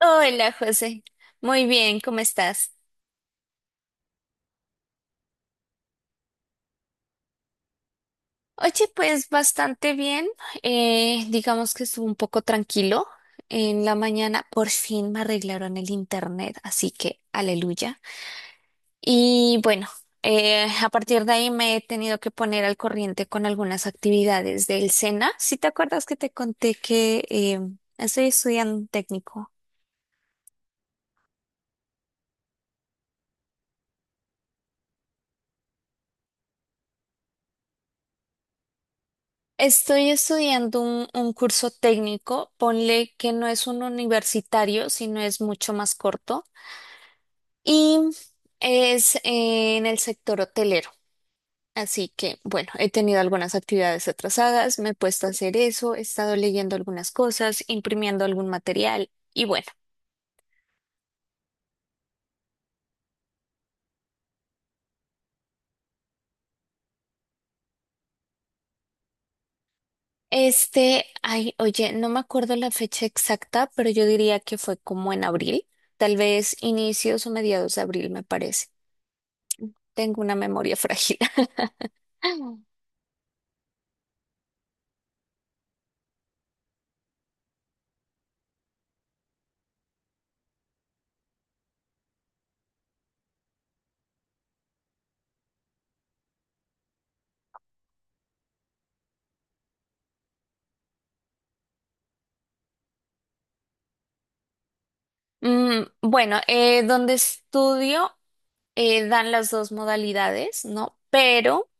Hola, José. Muy bien, ¿cómo estás? Oye, pues bastante bien. Digamos que estuvo un poco tranquilo. En la mañana por fin me arreglaron el internet, así que aleluya. Y bueno, a partir de ahí me he tenido que poner al corriente con algunas actividades del SENA. Si te acuerdas que te conté que estoy estudiando un técnico. Estoy estudiando un curso técnico, ponle que no es un universitario, sino es mucho más corto, y es en el sector hotelero. Así que, bueno, he tenido algunas actividades atrasadas, me he puesto a hacer eso, he estado leyendo algunas cosas, imprimiendo algún material, y bueno, este, ay, oye, no me acuerdo la fecha exacta, pero yo diría que fue como en abril, tal vez inicios o mediados de abril, me parece. Tengo una memoria frágil. Mm, bueno, donde estudio dan las dos modalidades, ¿no? Pero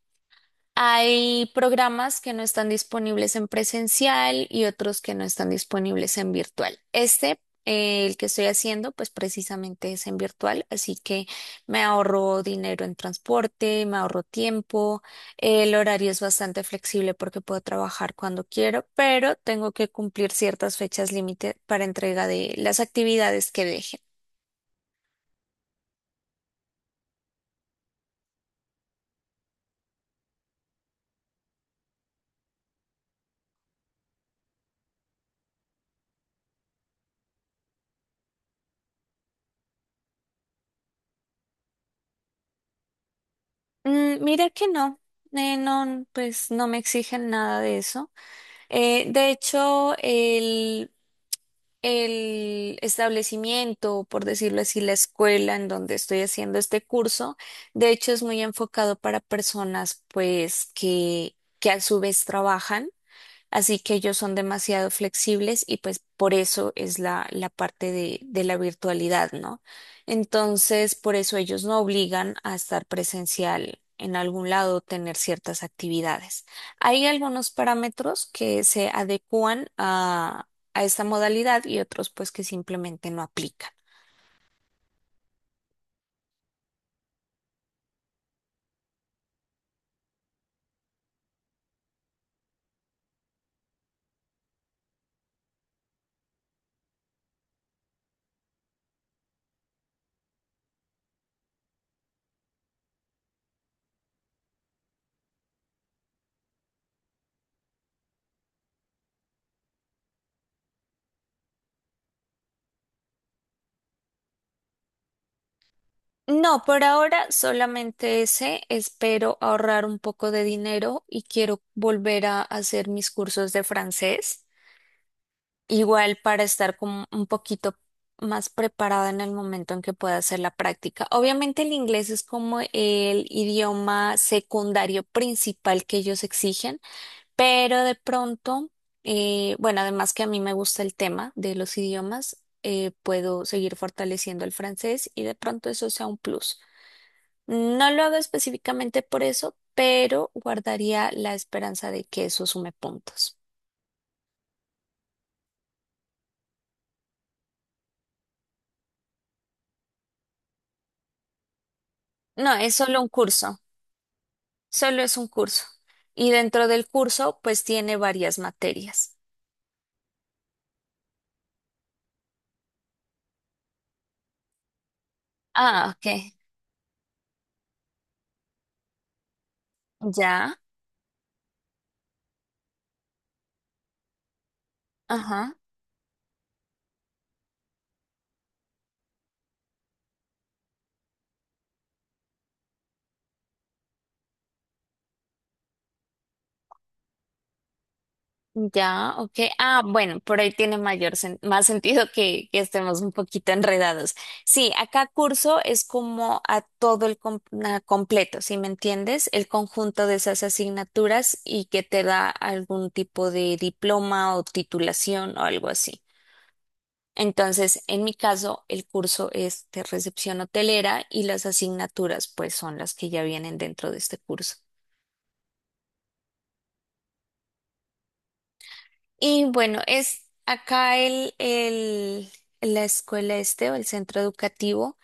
hay programas que no están disponibles en presencial y otros que no están disponibles en virtual. Este, el que estoy haciendo, pues precisamente es en virtual, así que me ahorro dinero en transporte, me ahorro tiempo, el horario es bastante flexible porque puedo trabajar cuando quiero, pero tengo que cumplir ciertas fechas límite para entrega de las actividades que dejen. Mm, mira que no, no, pues no me exigen nada de eso. De hecho, el establecimiento, por decirlo así, la escuela en donde estoy haciendo este curso, de hecho es muy enfocado para personas pues que a su vez trabajan. Así que ellos son demasiado flexibles y pues por eso es la parte de la virtualidad, ¿no? Entonces, por eso ellos no obligan a estar presencial en algún lado, tener ciertas actividades. Hay algunos parámetros que se adecúan a esta modalidad y otros pues que simplemente no aplican. No, por ahora solamente ese. Espero ahorrar un poco de dinero y quiero volver a hacer mis cursos de francés. Igual para estar como un poquito más preparada en el momento en que pueda hacer la práctica. Obviamente el inglés es como el idioma secundario principal que ellos exigen, pero de pronto, bueno, además que a mí me gusta el tema de los idiomas, puedo seguir fortaleciendo el francés y de pronto eso sea un plus. No lo hago específicamente por eso, pero guardaría la esperanza de que eso sume puntos. No, es solo un curso. Solo es un curso. Y dentro del curso, pues tiene varias materias. Ah, ok. Ya, ajá. Ya, ok. Ah, bueno, por ahí tiene mayor sen- más sentido que estemos un poquito enredados. Sí, acá curso es como a todo el com- na- completo, ¿si me entiendes? El conjunto de esas asignaturas y que te da algún tipo de diploma o titulación o algo así. Entonces, en mi caso, el curso es de recepción hotelera y las asignaturas, pues, son las que ya vienen dentro de este curso. Y bueno, es acá la escuela este o el centro educativo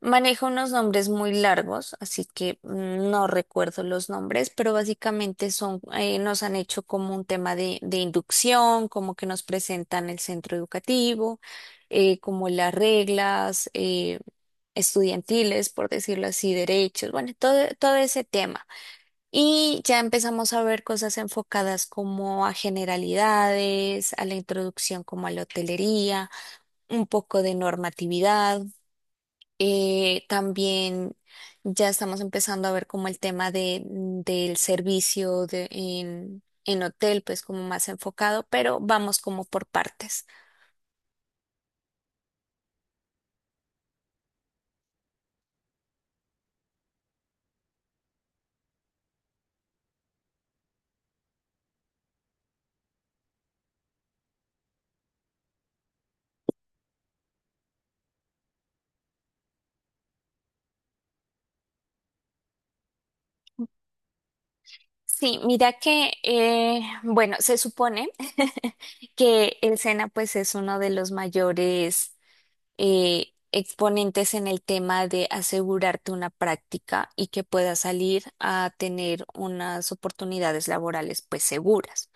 maneja unos nombres muy largos, así que mm, no recuerdo los nombres, pero básicamente son, nos han hecho como un tema de inducción, como que nos presentan el centro educativo, como las reglas estudiantiles, por decirlo así, derechos, bueno, todo ese tema. Y ya empezamos a ver cosas enfocadas como a generalidades, a la introducción como a la hotelería, un poco de normatividad. También ya estamos empezando a ver como el tema de, del servicio de, en hotel, pues como más enfocado, pero vamos como por partes. Sí, mira que, bueno, se supone que el SENA pues es uno de los mayores exponentes en el tema de asegurarte una práctica y que puedas salir a tener unas oportunidades laborales pues seguras.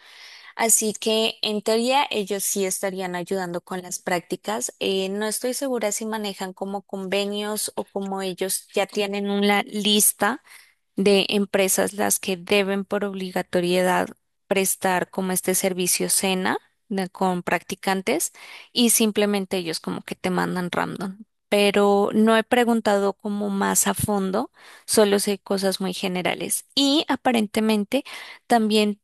Así que en teoría ellos sí estarían ayudando con las prácticas. No estoy segura si manejan como convenios o como ellos ya tienen una lista de empresas las que deben por obligatoriedad prestar como este servicio cena de- con practicantes y simplemente ellos como que te mandan random. Pero no he preguntado como más a fondo, solo sé cosas muy generales. Y aparentemente también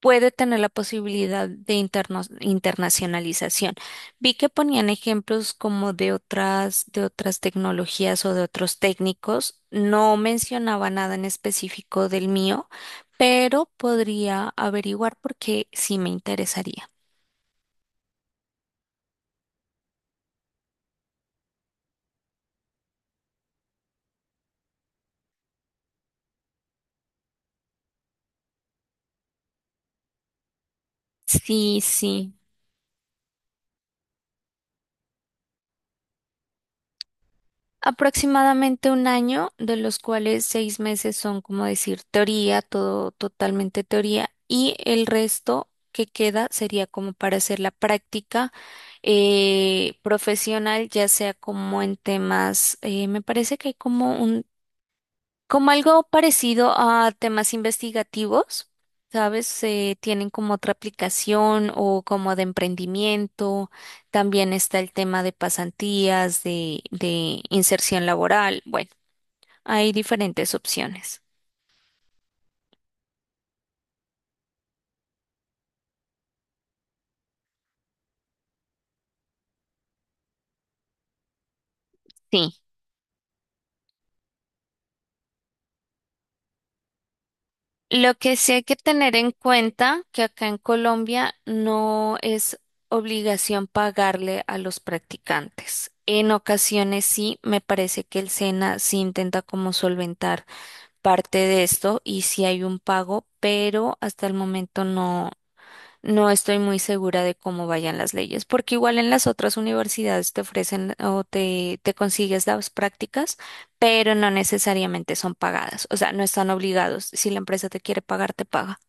puede tener la posibilidad de interno- internacionalización. Vi que ponían ejemplos como de otras tecnologías o de otros técnicos. No mencionaba nada en específico del mío, pero podría averiguar porque sí me interesaría. Sí, sí. Aproximadamente un año, de los cuales 6 meses son, como decir, teoría, todo totalmente teoría, y el resto que queda sería como para hacer la práctica profesional, ya sea como en temas, me parece que hay como un, como algo parecido a temas investigativos, ¿sabes? Tienen como otra aplicación o como de emprendimiento. También está el tema de pasantías, de inserción laboral. Bueno, hay diferentes opciones. Sí. Lo que sí hay que tener en cuenta que acá en Colombia no es obligación pagarle a los practicantes. En ocasiones sí, me parece que el SENA sí intenta como solventar parte de esto y sí hay un pago, pero hasta el momento no, no estoy muy segura de cómo vayan las leyes, porque igual en las otras universidades te ofrecen o te consigues las prácticas, pero no necesariamente son pagadas, o sea, no están obligados. Si la empresa te quiere pagar, te paga.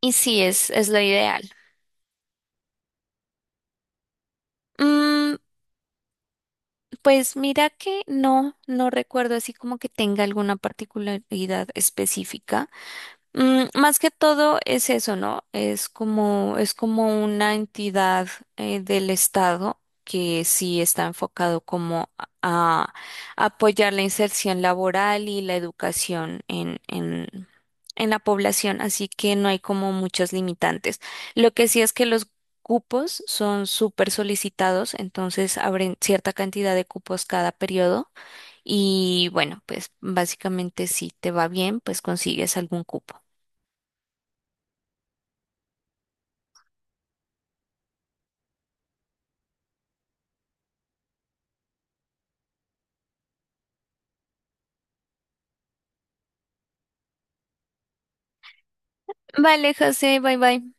Y sí, es lo ideal. Mm, pues mira que no, no recuerdo así como que tenga alguna particularidad específica. Mm, más que todo es eso, ¿no? Es como una entidad del Estado que sí está enfocado como a, a apoyar la inserción laboral y la educación en la población, así que no hay como muchos limitantes. Lo que sí es que los cupos son súper solicitados, entonces abren cierta cantidad de cupos cada periodo y bueno, pues básicamente si te va bien, pues consigues algún cupo. Vale, José, bye bye.